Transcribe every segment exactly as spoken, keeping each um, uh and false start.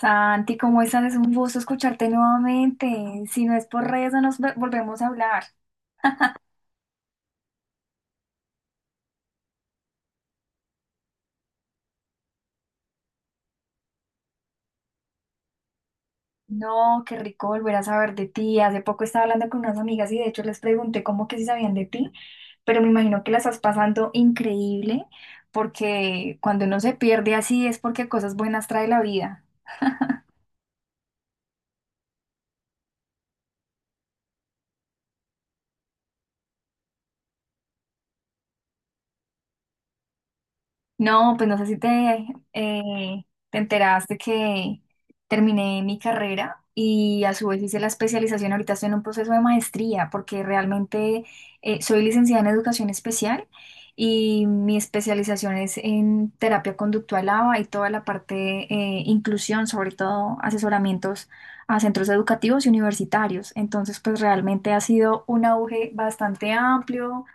Santi, ¿cómo estás? Es un gusto escucharte nuevamente. Si no es por redes, no nos ve- volvemos a hablar. No, qué rico volver a saber de ti. Hace poco estaba hablando con unas amigas y de hecho les pregunté cómo que si sabían de ti, pero me imagino que la estás pasando increíble porque cuando uno se pierde así es porque cosas buenas trae la vida. No, pues no sé si te, eh, te enteraste que terminé mi carrera y a su vez hice la especialización. Ahorita estoy en un proceso de maestría porque realmente eh, soy licenciada en educación especial y mi especialización es en terapia conductual A B A y toda la parte de inclusión, sobre todo asesoramientos a centros educativos y universitarios. Entonces, pues realmente ha sido un auge bastante amplio,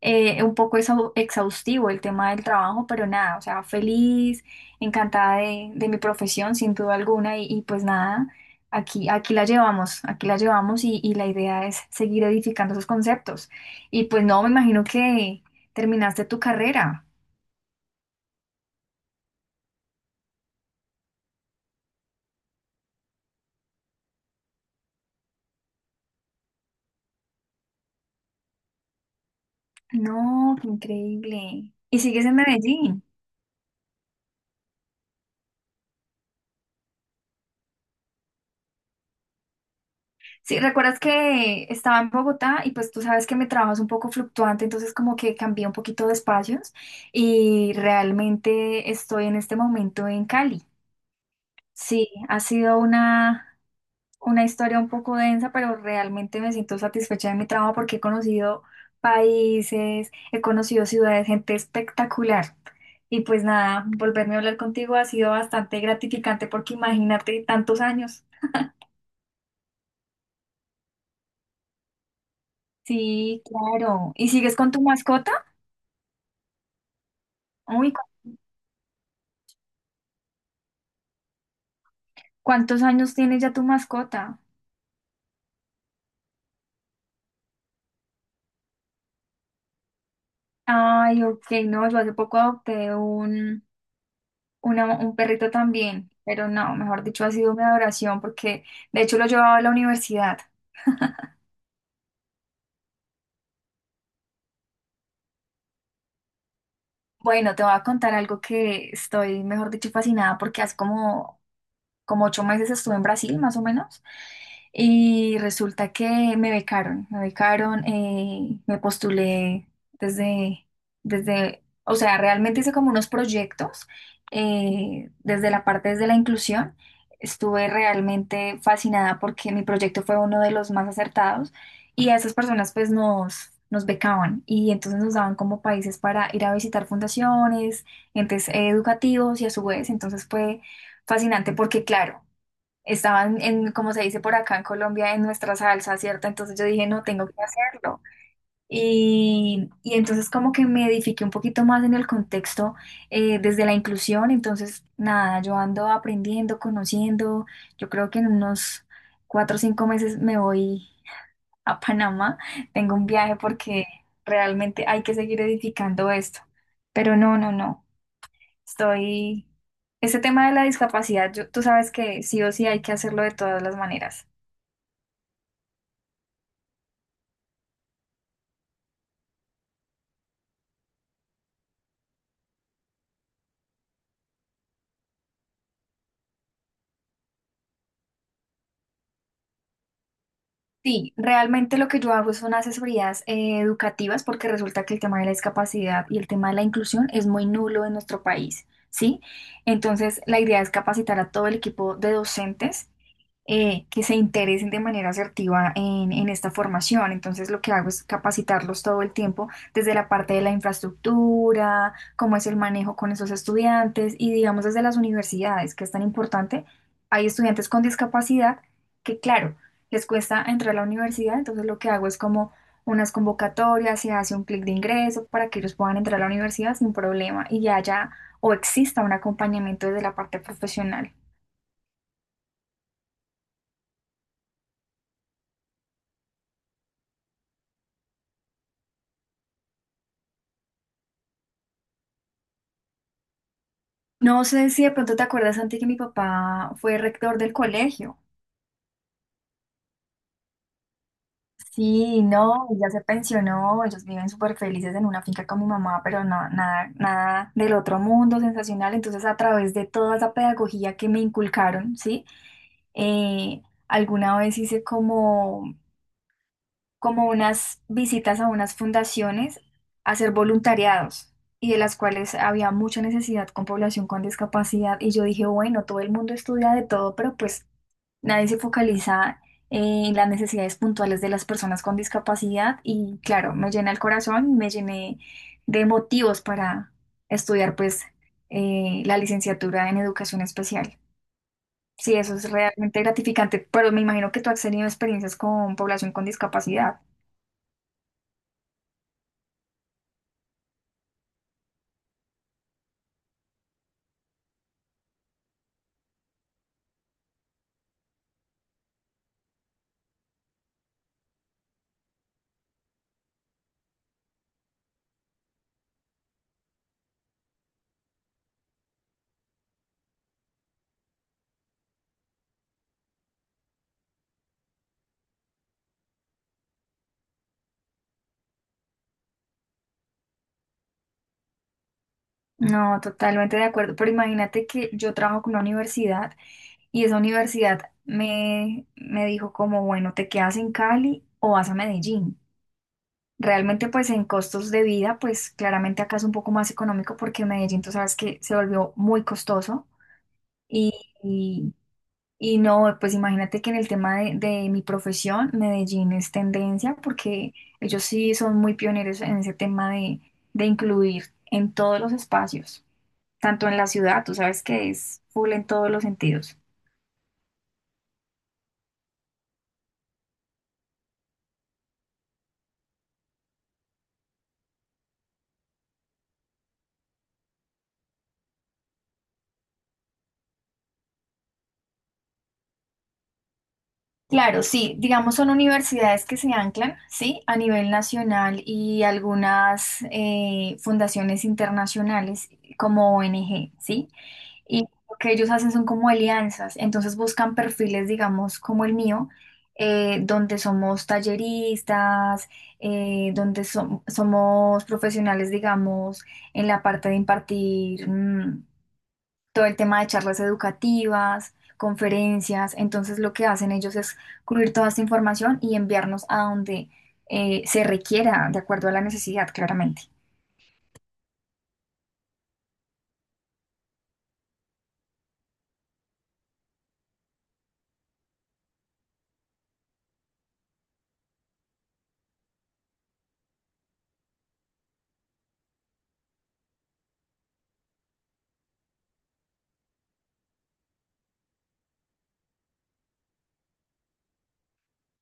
eh, un poco exau- exhaustivo el tema del trabajo, pero nada, o sea, feliz, encantada de, de mi profesión, sin duda alguna, y, y pues nada, aquí, aquí la llevamos, aquí la llevamos y, y la idea es seguir edificando esos conceptos. Y pues no, me imagino que terminaste tu carrera. No, qué increíble. Y sigues en Medellín. Sí, recuerdas que estaba en Bogotá y pues tú sabes que mi trabajo es un poco fluctuante, entonces como que cambié un poquito de espacios y realmente estoy en este momento en Cali. Sí, ha sido una, una historia un poco densa, pero realmente me siento satisfecha de mi trabajo porque he conocido países, he conocido ciudades, gente espectacular. Y pues nada, volverme a hablar contigo ha sido bastante gratificante porque imagínate tantos años. Sí, claro. ¿Y sigues con tu mascota? Uy, ¿cuántos años tiene ya tu mascota? Ay, ok, no, yo hace poco adopté un, una- un perrito también, pero no, mejor dicho, ha sido mi adoración porque de hecho lo llevaba a la universidad. Bueno, te voy a contar algo que estoy, mejor dicho, fascinada porque hace como como ocho meses estuve en Brasil, más o menos, y resulta que me becaron, me becaron, eh, me postulé desde, desde, o sea, realmente hice como unos proyectos, eh, desde la parte desde la inclusión. Estuve realmente fascinada porque mi proyecto fue uno de los más acertados y a esas personas pues nos, nos becaban y entonces nos daban como países para ir a visitar fundaciones, entes educativos y a su vez entonces fue fascinante porque, claro, estaban en, como se dice por acá en Colombia, en nuestra salsa, ¿cierto? Entonces yo dije, no, tengo que hacerlo. Y, y entonces como que me edifiqué un poquito más en el contexto, eh, desde la inclusión. Entonces, nada, yo ando aprendiendo, conociendo. Yo creo que en unos cuatro o cinco meses me voy a Panamá. Tengo un viaje porque realmente hay que seguir edificando esto. Pero no, no, no. Estoy... Ese tema de la discapacidad, yo- tú sabes que sí o sí hay que hacerlo de todas las maneras. Sí, realmente lo que yo hago son asesorías eh, educativas porque resulta que el tema de la discapacidad y el tema de la inclusión es muy nulo en nuestro país, ¿sí? Entonces, la idea es capacitar a todo el equipo de docentes, eh, que se interesen de manera asertiva en, en esta formación. Entonces, lo que hago es capacitarlos todo el tiempo desde la parte de la infraestructura, cómo es el manejo con esos estudiantes y, digamos, desde las universidades, que es tan importante. Hay estudiantes con discapacidad que, claro, les cuesta entrar a la universidad, entonces lo que hago es como unas convocatorias, se hace un clic de ingreso para que ellos puedan entrar a la universidad sin problema y ya haya o exista un acompañamiento desde la parte profesional. No sé si de pronto te acuerdas, Santi, que mi papá fue rector del colegio. Sí, no, ya se pensionó, ellos viven súper felices en una finca con mi mamá, pero no, nada, nada del otro mundo sensacional. Entonces, a través de toda esa pedagogía que me inculcaron, ¿sí? Eh, Alguna vez hice como, como unas visitas a unas fundaciones a hacer voluntariados y de las cuales había mucha necesidad con población con discapacidad. Y yo dije, bueno, todo el mundo estudia de todo, pero pues nadie se focaliza en las necesidades puntuales de las personas con discapacidad y claro, me llena el corazón, me llené de motivos para estudiar pues eh, la licenciatura en educación especial. Sí, eso es realmente gratificante, pero me imagino que tú has tenido experiencias con población con discapacidad. No, totalmente de acuerdo, pero imagínate que yo trabajo con una universidad y esa universidad me, me dijo como, bueno, te quedas en Cali o vas a Medellín. Realmente, pues en costos de vida, pues claramente acá es un poco más económico porque Medellín, tú sabes que se volvió muy costoso y, y, y no, pues imagínate que en el tema de, de mi profesión, Medellín es tendencia porque ellos sí son muy pioneros en ese tema de, de incluir en todos los espacios, tanto en la ciudad, tú sabes que es full en todos los sentidos. Claro, sí, digamos son universidades que se anclan, sí, a nivel nacional y algunas eh, fundaciones internacionales como O N G, sí. Y lo que ellos hacen son como alianzas, entonces buscan perfiles, digamos, como el mío, eh, donde somos talleristas, eh, donde som- somos profesionales, digamos, en la parte de impartir, mm, todo el tema de charlas educativas, conferencias. Entonces lo que hacen ellos es cubrir toda esta información y enviarnos a donde eh, se requiera, de acuerdo a la necesidad, claramente.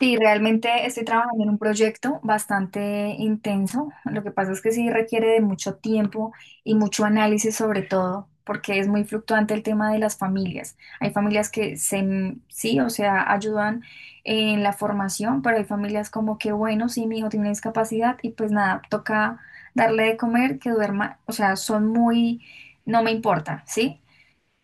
Sí, realmente estoy trabajando en un proyecto bastante intenso. Lo que pasa es que sí requiere de mucho tiempo y mucho análisis sobre todo, porque es muy fluctuante el tema de las familias. Hay familias que se, mm, sí, o sea, ayudan en la formación, pero hay familias como que, bueno, sí, mi hijo tiene una discapacidad y pues nada, toca darle de comer, que duerma, o sea, son muy, no me importa, ¿sí?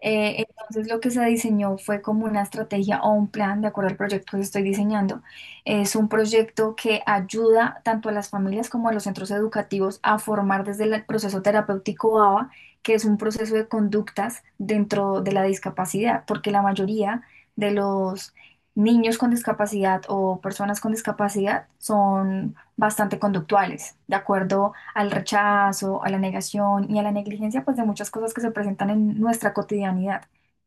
Eh, entonces lo que se diseñó fue como una estrategia o un plan de acuerdo al proyecto que estoy diseñando. Es un proyecto que ayuda tanto a las familias como a los centros educativos a formar desde el proceso terapéutico A B A, que es un proceso de conductas dentro de la discapacidad, porque la mayoría de los niños con discapacidad o personas con discapacidad son bastante conductuales, de acuerdo al rechazo, a la negación y a la negligencia, pues de muchas cosas que se presentan en nuestra cotidianidad.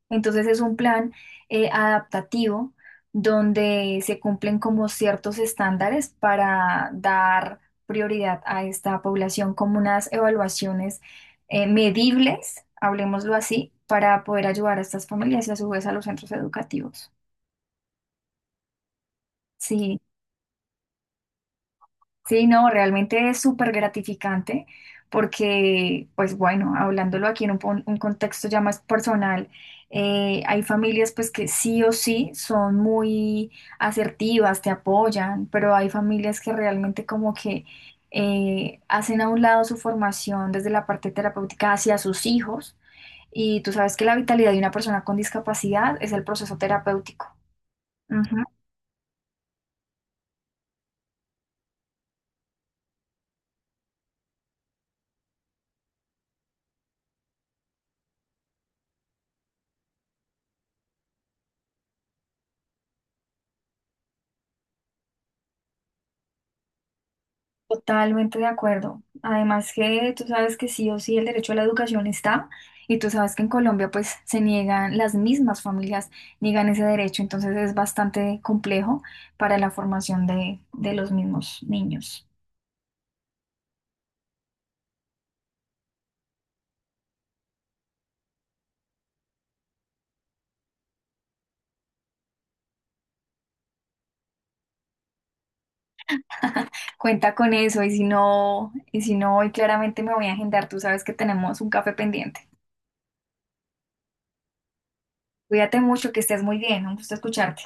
Entonces es un plan, eh, adaptativo, donde se cumplen como ciertos estándares para dar prioridad a esta población como unas evaluaciones, eh, medibles, hablemoslo así, para poder ayudar a estas familias y a su vez a los centros educativos. Sí, Sí, no, realmente es súper gratificante porque, pues bueno, hablándolo aquí en un, pon- un contexto ya más personal, eh, hay familias pues que sí o sí son muy asertivas, te apoyan, pero hay familias que realmente como que eh, hacen a un lado su formación desde la parte terapéutica hacia sus hijos y tú sabes que la vitalidad de una persona con discapacidad es el proceso terapéutico. Totalmente de acuerdo. Además que tú sabes que sí o sí el derecho a la educación está y tú sabes que en Colombia pues se niegan, las mismas familias niegan ese derecho, entonces es bastante complejo para la formación de, de los mismos niños. Cuenta con eso y si no, y si no, hoy claramente me voy a agendar, tú sabes que tenemos un café pendiente. Cuídate mucho, que estés muy bien, un gusto escucharte.